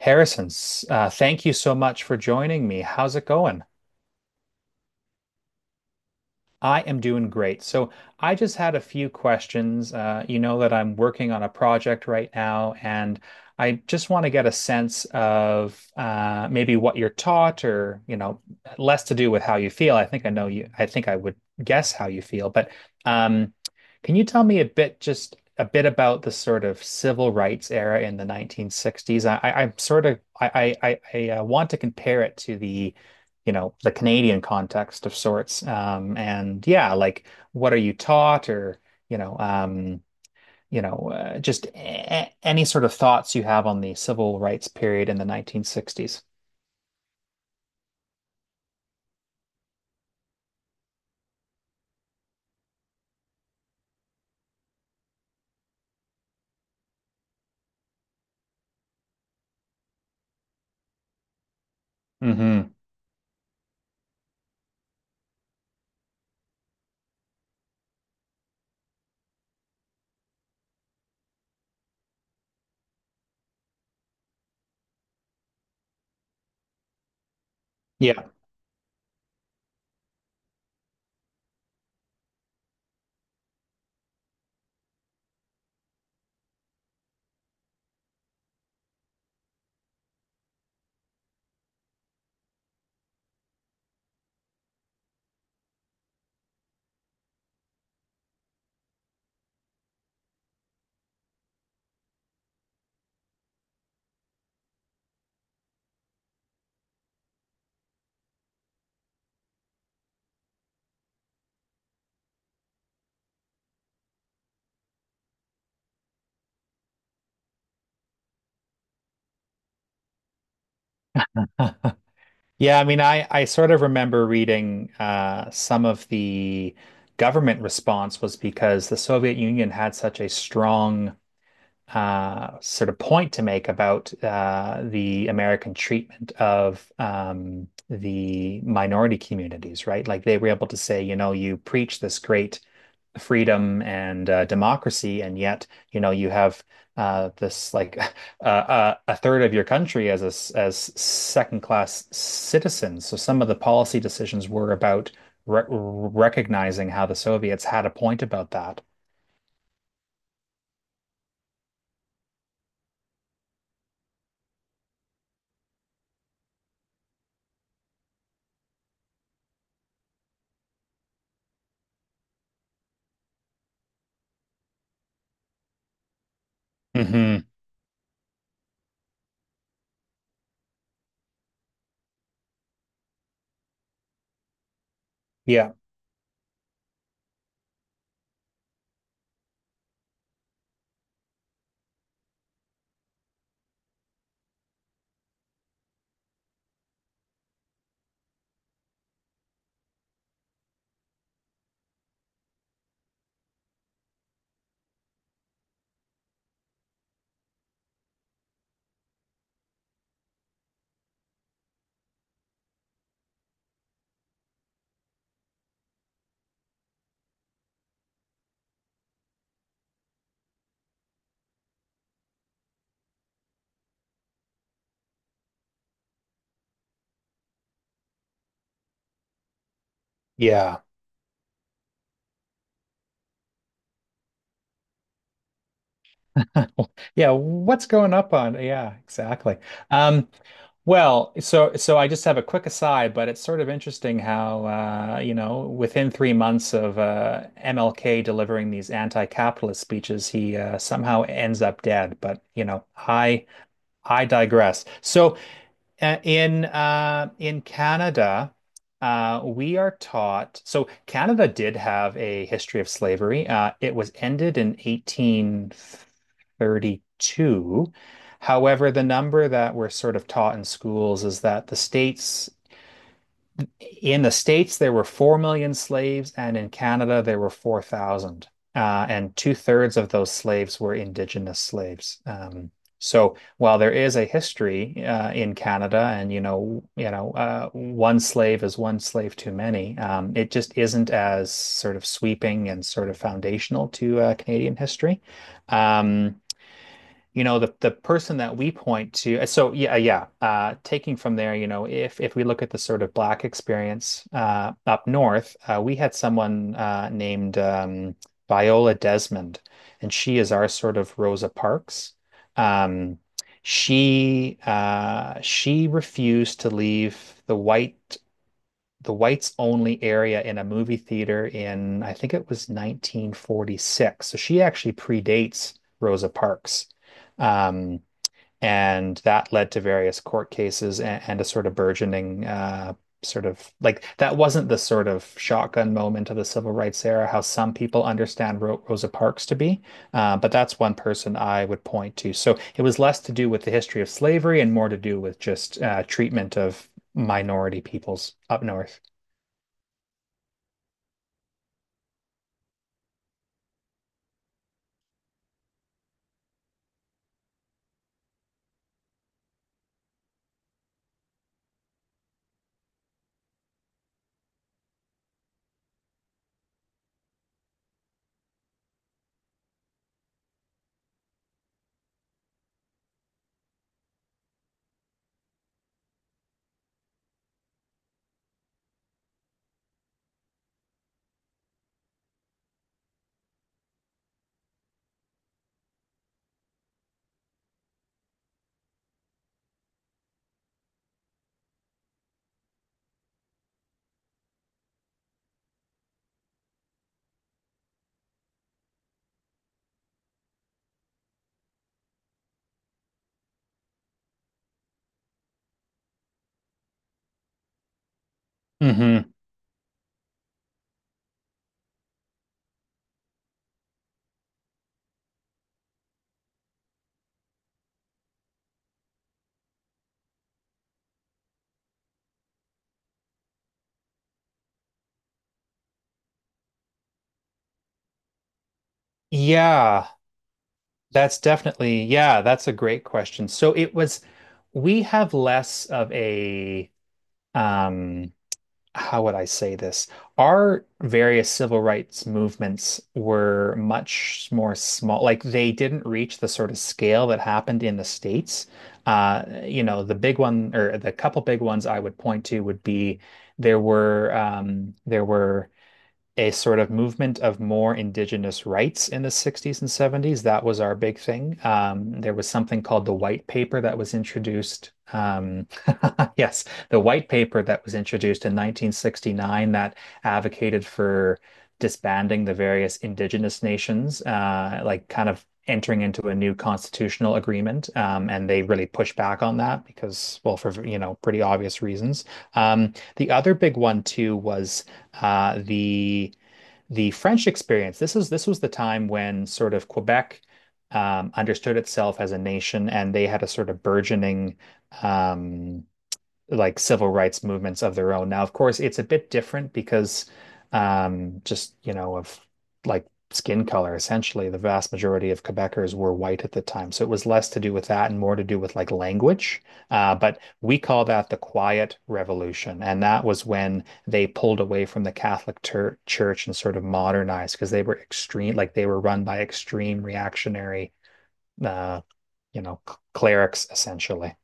Harrison, thank you so much for joining me. How's it going? I am doing great. So I just had a few questions. You know that I'm working on a project right now, and I just want to get a sense of maybe what you're taught, or you know, less to do with how you feel. I think I know you. I think I would guess how you feel, but um, can you tell me a bit, just a bit about the sort of civil rights era in the 1960s? I'm sort of I want to compare it to the you know, the Canadian context of sorts. And yeah, like what are you taught or, you know, just a any sort of thoughts you have on the civil rights period in the 1960s. Hmm. Yeah. Huh. Yeah, I mean, I sort of remember reading some of the government response was because the Soviet Union had such a strong sort of point to make about the American treatment of the minority communities, right? Like they were able to say, you know, you preach this great freedom and democracy, and yet, you know, you have this like a third of your country as as second class citizens. So some of the policy decisions were about re recognizing how the Soviets had a point about that. Hmm. Yeah. Yeah. Yeah, what's going up on? Yeah, exactly. Um, well, so I just have a quick aside, but it's sort of interesting how you know, within 3 months of MLK delivering these anti-capitalist speeches, he somehow ends up dead. But you know, I digress. So in Canada, we are taught. So Canada did have a history of slavery. It was ended in 1832. However, the number that we're sort of taught in schools is that the States, there were 4 million slaves, and in Canada, there were 4,000. And two-thirds of those slaves were indigenous slaves. So while there is a history in Canada, and one slave is one slave too many, it just isn't as sort of sweeping and sort of foundational to Canadian history. Um, you know the person that we point to so taking from there, you know, if we look at the sort of black experience up north, we had someone named Viola Desmond, and she is our sort of Rosa Parks. um she refused to leave the whites only area in a movie theater in, I think it was 1946. So she actually predates Rosa Parks. Um, and that led to various court cases and a sort of burgeoning, sort of like that wasn't the sort of shotgun moment of the civil rights era, how some people understand Ro Rosa Parks to be. But that's one person I would point to. So it was less to do with the history of slavery and more to do with just treatment of minority peoples up north. Hmm. Yeah, that's definitely, yeah, that's a great question. So it was, we have less of a, um, how would I say this? Our various civil rights movements were much more small. Like they didn't reach the sort of scale that happened in the States. You know, the big one or the couple big ones I would point to would be there were a sort of movement of more indigenous rights in the 60s and 70s. That was our big thing. There was something called the White Paper that was introduced. Yes, the White Paper that was introduced in 1969 that advocated for disbanding the various indigenous nations, like kind of entering into a new constitutional agreement. And they really pushed back on that because, well, for, you know, pretty obvious reasons. The other big one, too, was uh, the the French experience. This was the time when sort of Quebec understood itself as a nation, and they had a sort of burgeoning um, like civil rights movements of their own. Now, of course, it's a bit different because just, you know, of like skin color, essentially, the vast majority of Quebecers were white at the time. So it was less to do with that and more to do with like language. But we call that the Quiet Revolution. And that was when they pulled away from the Church and sort of modernized because they were extreme, like they were run by extreme reactionary, uh, you know, clerics, essentially.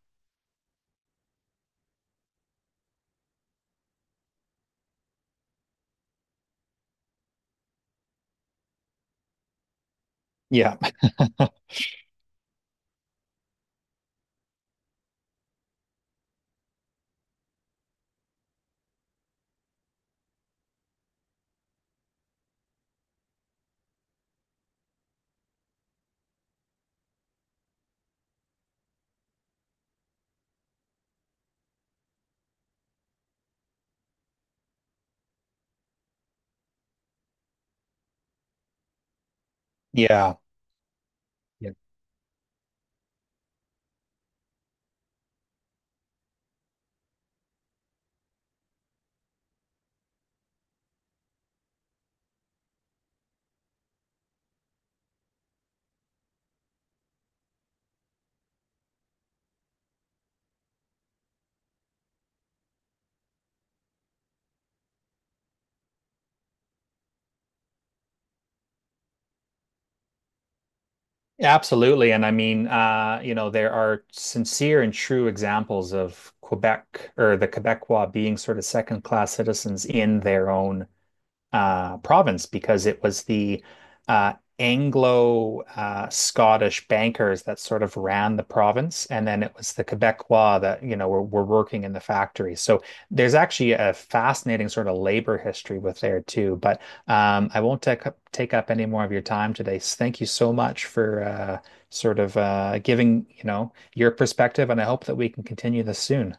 Yeah. Yeah. Yeah. Absolutely. And I mean, you know, there are sincere and true examples of Quebec or the Quebecois being sort of second class citizens in their own province because it was the uh, Anglo Scottish bankers that sort of ran the province, and then it was the Quebecois that you know were working in the factories. So there's actually a fascinating sort of labor history with there too. But I won't take up any more of your time today. So thank you so much for sort of giving you know your perspective, and I hope that we can continue this soon.